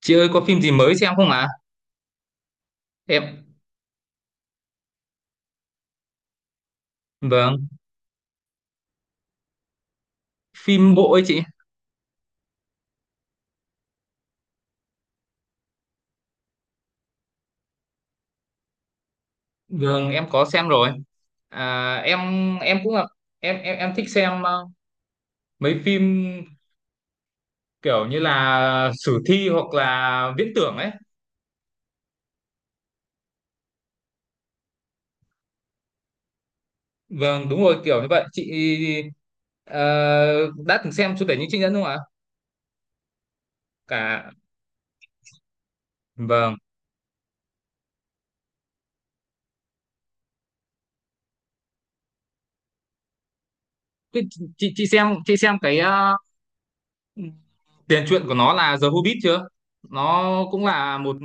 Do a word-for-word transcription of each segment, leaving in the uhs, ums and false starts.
Chị ơi có phim gì mới xem không ạ? Em vâng, phim bộ ấy chị. Vâng, em có xem rồi. À, em em cũng là em em em thích xem ờ, mấy phim kiểu như là sử thi hoặc là viễn tưởng ấy. Vâng, đúng rồi kiểu như vậy. Chị ờ, đã từng xem chủ tể những chị nhân không ạ? Cả vâng. Thế Chị chị xem chị xem cái ờ, tiền truyện của nó là The Hobbit chưa, nó cũng là một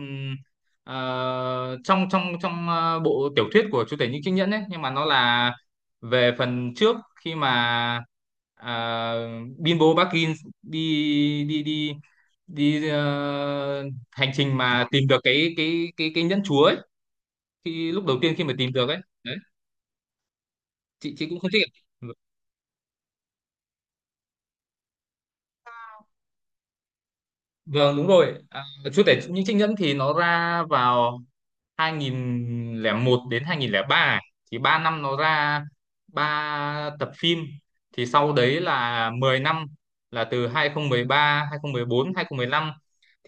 ờ, trong trong trong ờ, bộ tiểu thuyết của Chúa Tể Những Chiếc Nhẫn ấy, nhưng mà nó là về phần trước khi mà ờ, Bilbo Baggins đi đi đi đi ờ, hành trình mà tìm được cái cái cái cái nhẫn chúa ấy, khi lúc đầu tiên khi mà tìm được ấy đấy. Chị chị cũng không thích vâng, đúng rồi. à, Chúa Tể Những Chiếc Nhẫn thì nó ra vào hai không không một đến hai không không ba ấy. Thì ba năm nó ra ba tập phim, thì sau đấy là mười năm, là từ hai không một ba, hai không một bốn, hai không một lăm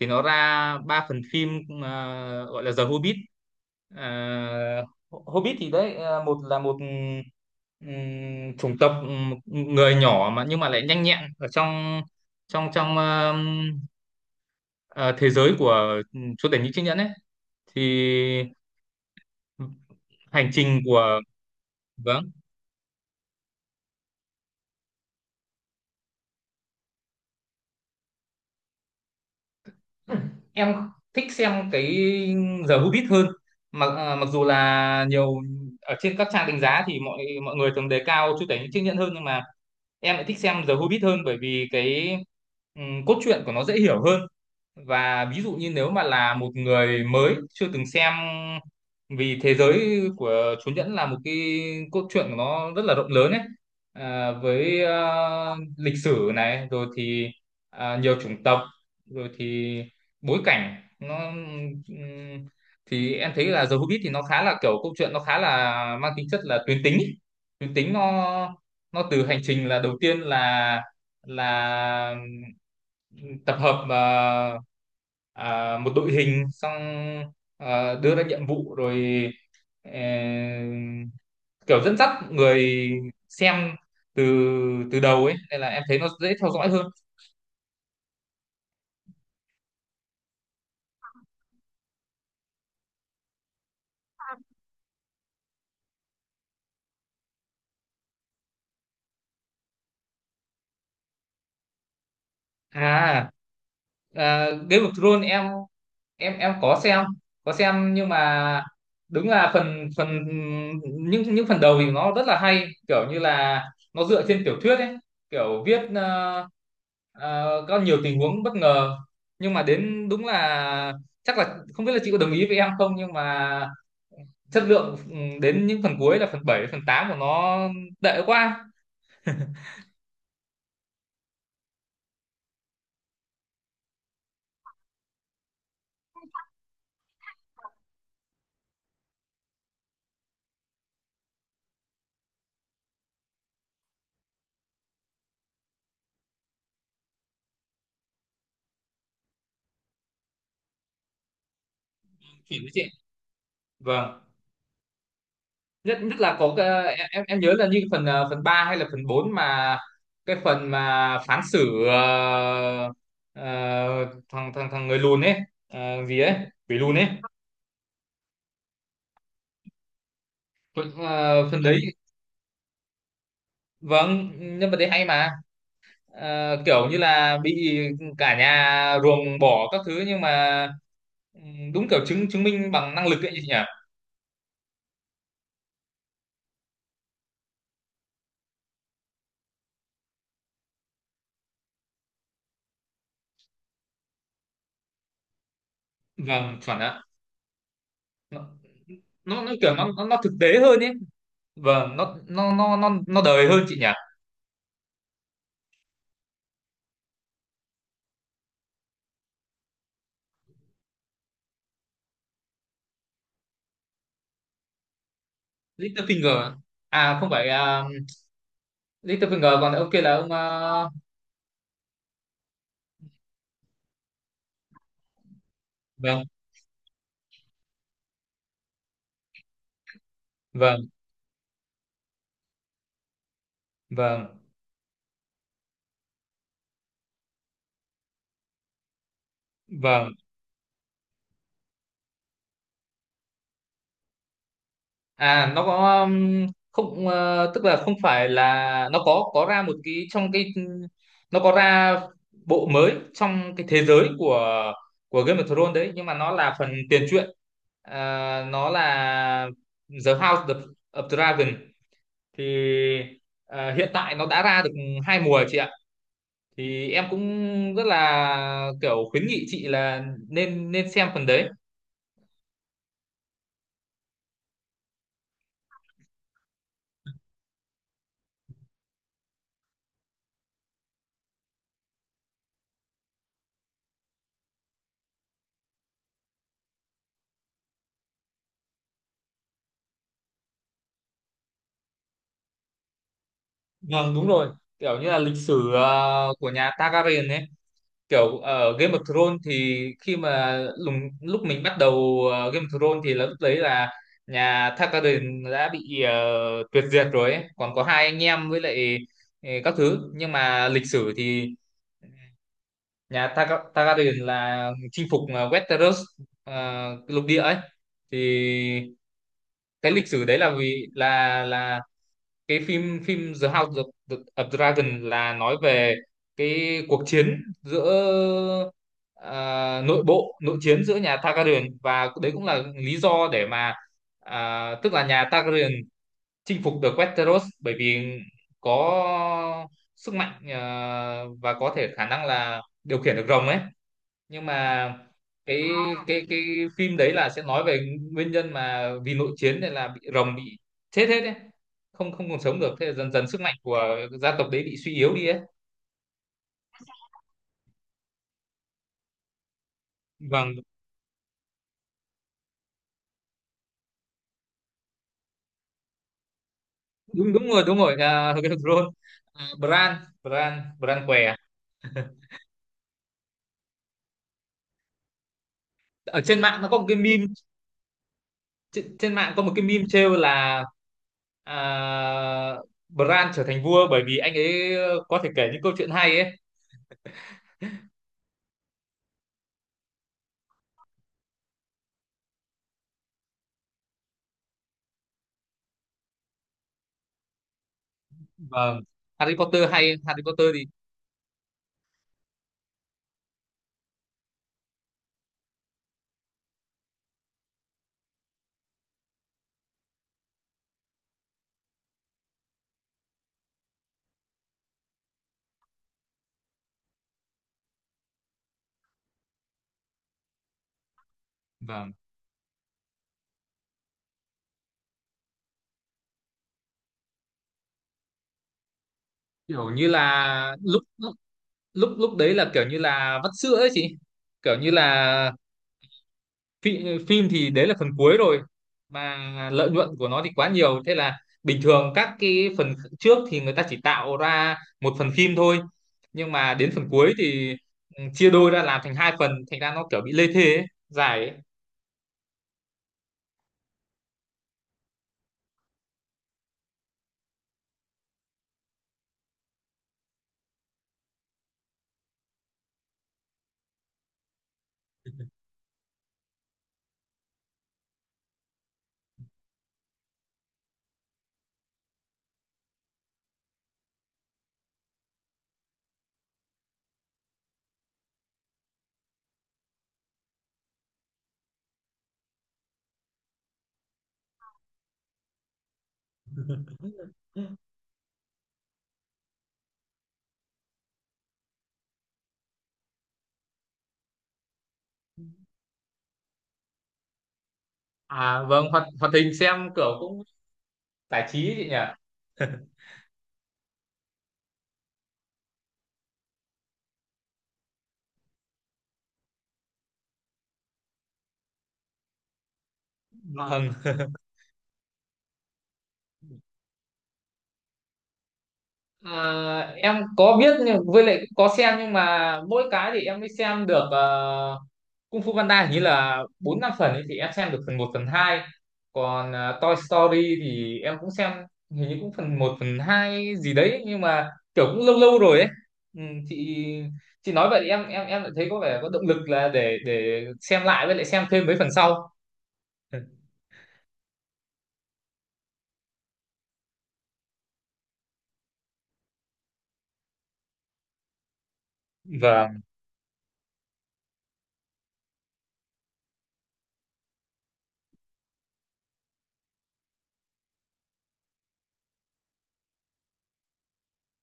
thì nó ra ba phần phim ờ, gọi là The Hobbit. Ờ, Hobbit thì đấy ờ, một là một ừm, chủng tộc ừm, người nhỏ mà nhưng mà lại nhanh nhẹn ở trong trong trong ờm, ờ, thế giới của ừm, chúa tể những chiếc nhẫn ấy. Thì hành trình của vâng, em thích xem cái giờ Hobbit hơn, mặc à, mặc dù là nhiều ở trên các trang đánh giá thì mọi mọi người thường đề cao Chúa Tể Những Chiếc Nhẫn hơn, nhưng mà em lại thích xem giờ Hobbit hơn, bởi vì cái ừm, cốt truyện của nó dễ hiểu hơn, và ví dụ như nếu mà là một người mới chưa từng xem vì thế giới của Chúa Nhẫn là một cái cốt truyện của nó rất là rộng lớn ấy. À, với ờ, lịch sử này rồi thì à, nhiều chủng tộc rồi thì bối cảnh nó ừm, thì em thấy là The Hobbit thì nó khá là kiểu câu chuyện nó khá là mang tính chất là tuyến tính ấy. Tuyến tính nó nó từ hành trình là đầu tiên là là tập hợp ờ, à, một đội hình, xong à, đưa ra nhiệm vụ rồi ờ, kiểu dẫn dắt người xem từ từ đầu ấy, nên là em thấy nó dễ theo dõi hơn. À, à Game of Thrones em, em em có xem, có xem nhưng mà đúng là phần phần những những phần đầu thì nó rất là hay, kiểu như là nó dựa trên tiểu thuyết ấy, kiểu viết ờ, Ờ, có nhiều tình huống bất ngờ, nhưng mà đến đúng là chắc là không biết là chị có đồng ý với em không, nhưng mà chất lượng ừ, đến những phần cuối là phần bảy phần tám của nó tệ quá. Chỉ với chị vâng, nhất nhất là có cái- em em em nhớ là như phần ờ, phần ba hay là phần bốn mà cái phần mà phán xử ờ, ờ, thằng thằng thằng người lùn ấy, ờ, gì ấy, quỷ lùn ấy. Phần- ờ, phần đấy vâng, nhân vật đấy hay mà. Ờ, kiểu như là bị cả nhà ruồng bỏ các thứ nhưng mà ừm, đúng kiểu chứng chứng minh bằng năng lực ấy chị nhỉ. Vâng chuẩn ạ. Nó nó, nó kiểu nó, nó nó thực tế hơn ấy, vâng nó nó nó nó nó đời hơn chị nhỉ. Littlefinger à, không phải à, Littlefinger còn ông kia là ông à, vâng vâng vâng vâng. À nó có um, không, ờ, tức là không phải là nó có có ra một cái trong cái, nó có ra bộ mới trong cái thế giới của của Game of Thrones đấy, nhưng mà nó là phần tiền truyện. Ờ, nó là The House of, of Dragon. Thì ờ, hiện tại nó đã ra được hai mùa chị ạ. Thì em cũng rất là kiểu khuyến nghị chị là nên nên xem phần đấy. Vâng đúng rồi, kiểu như là lịch sử ờ, của nhà Targaryen ấy, kiểu ở Game of Thrones thì khi mà lùng, lúc mình bắt đầu ờ, Game of Thrones thì là lúc đấy là nhà Targaryen đã bị ờ, tuyệt diệt rồi ấy. Còn có hai anh em với lại ờ, các thứ, nhưng mà lịch sử thì nhà Targa- Targaryen là chinh phục ờ, Westeros, ờ, lục địa ấy. Thì cái lịch sử đấy là vì là là cái phim phim The House of, the, of Dragon là nói về cái cuộc chiến giữa à, nội bộ, nội chiến giữa nhà Targaryen, và đấy cũng là lý do để mà à, tức là nhà Targaryen chinh phục được Westeros bởi vì có sức mạnh à, và có thể khả năng là điều khiển được rồng ấy. Nhưng mà cái À, cái cái phim đấy là sẽ nói về nguyên nhân mà vì nội chiến nên là bị rồng bị chết hết đấy, không không còn sống được, thế là dần dần sức mạnh của gia tộc đấy bị suy yếu đi ấy. Vâng đúng đúng rồi đúng rồi à, Ron à, Bran Bran Bran què à? Ở trên mạng nó có một cái meme, trên, trên mạng có một cái meme trêu là à, Bran trở thành vua bởi vì anh ấy có thể kể những câu chuyện hay ấy. Vâng, Harry Potter hay Harry Potter thì vâng, kiểu như là lúc lúc lúc lúc đấy là kiểu như là vắt sữa ấy chị, kiểu như là phim, phim thì đấy là phần cuối rồi mà lợi nhuận của nó thì quá nhiều, thế là bình thường các cái phần trước thì người ta chỉ tạo ra một phần phim thôi, nhưng mà đến phần cuối thì ừ, chia đôi ra làm thành hai phần, thành ra nó kiểu bị lê thê ấy, dài ấy. À vâng, hoạt hoạt hình xem kiểu cũng giải trí ấy chị nhỉ. Vâng. À, em có biết nhưng với lại cũng có xem, nhưng mà mỗi cái thì em mới xem được ờ, Kung Fu Panda hình như là bốn năm phần ấy, thì em xem được phần một phần hai, còn ờ, Toy Story thì em cũng xem hình như cũng phần một phần hai gì đấy, nhưng mà kiểu cũng lâu lâu rồi ấy. ừ, chị chị nói vậy thì em, em em lại thấy có vẻ có động lực là để để xem lại với lại xem thêm mấy phần sau. vâng.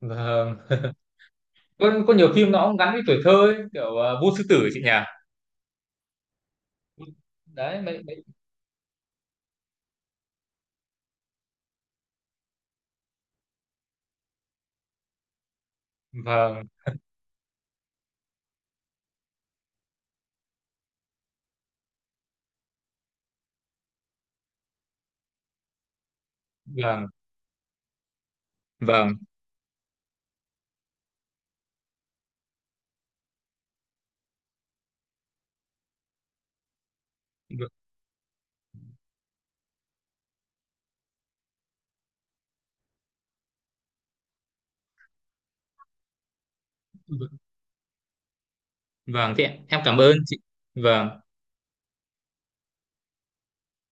Vâng, có, có nhiều phim nó cũng gắn với tuổi thơ ấy, kiểu ờ, Vua Sư Tử ấy chị nhỉ. Đấy mấy vâng vâng vâng v- v- vâng thế em cảm ơn chị. Vâng.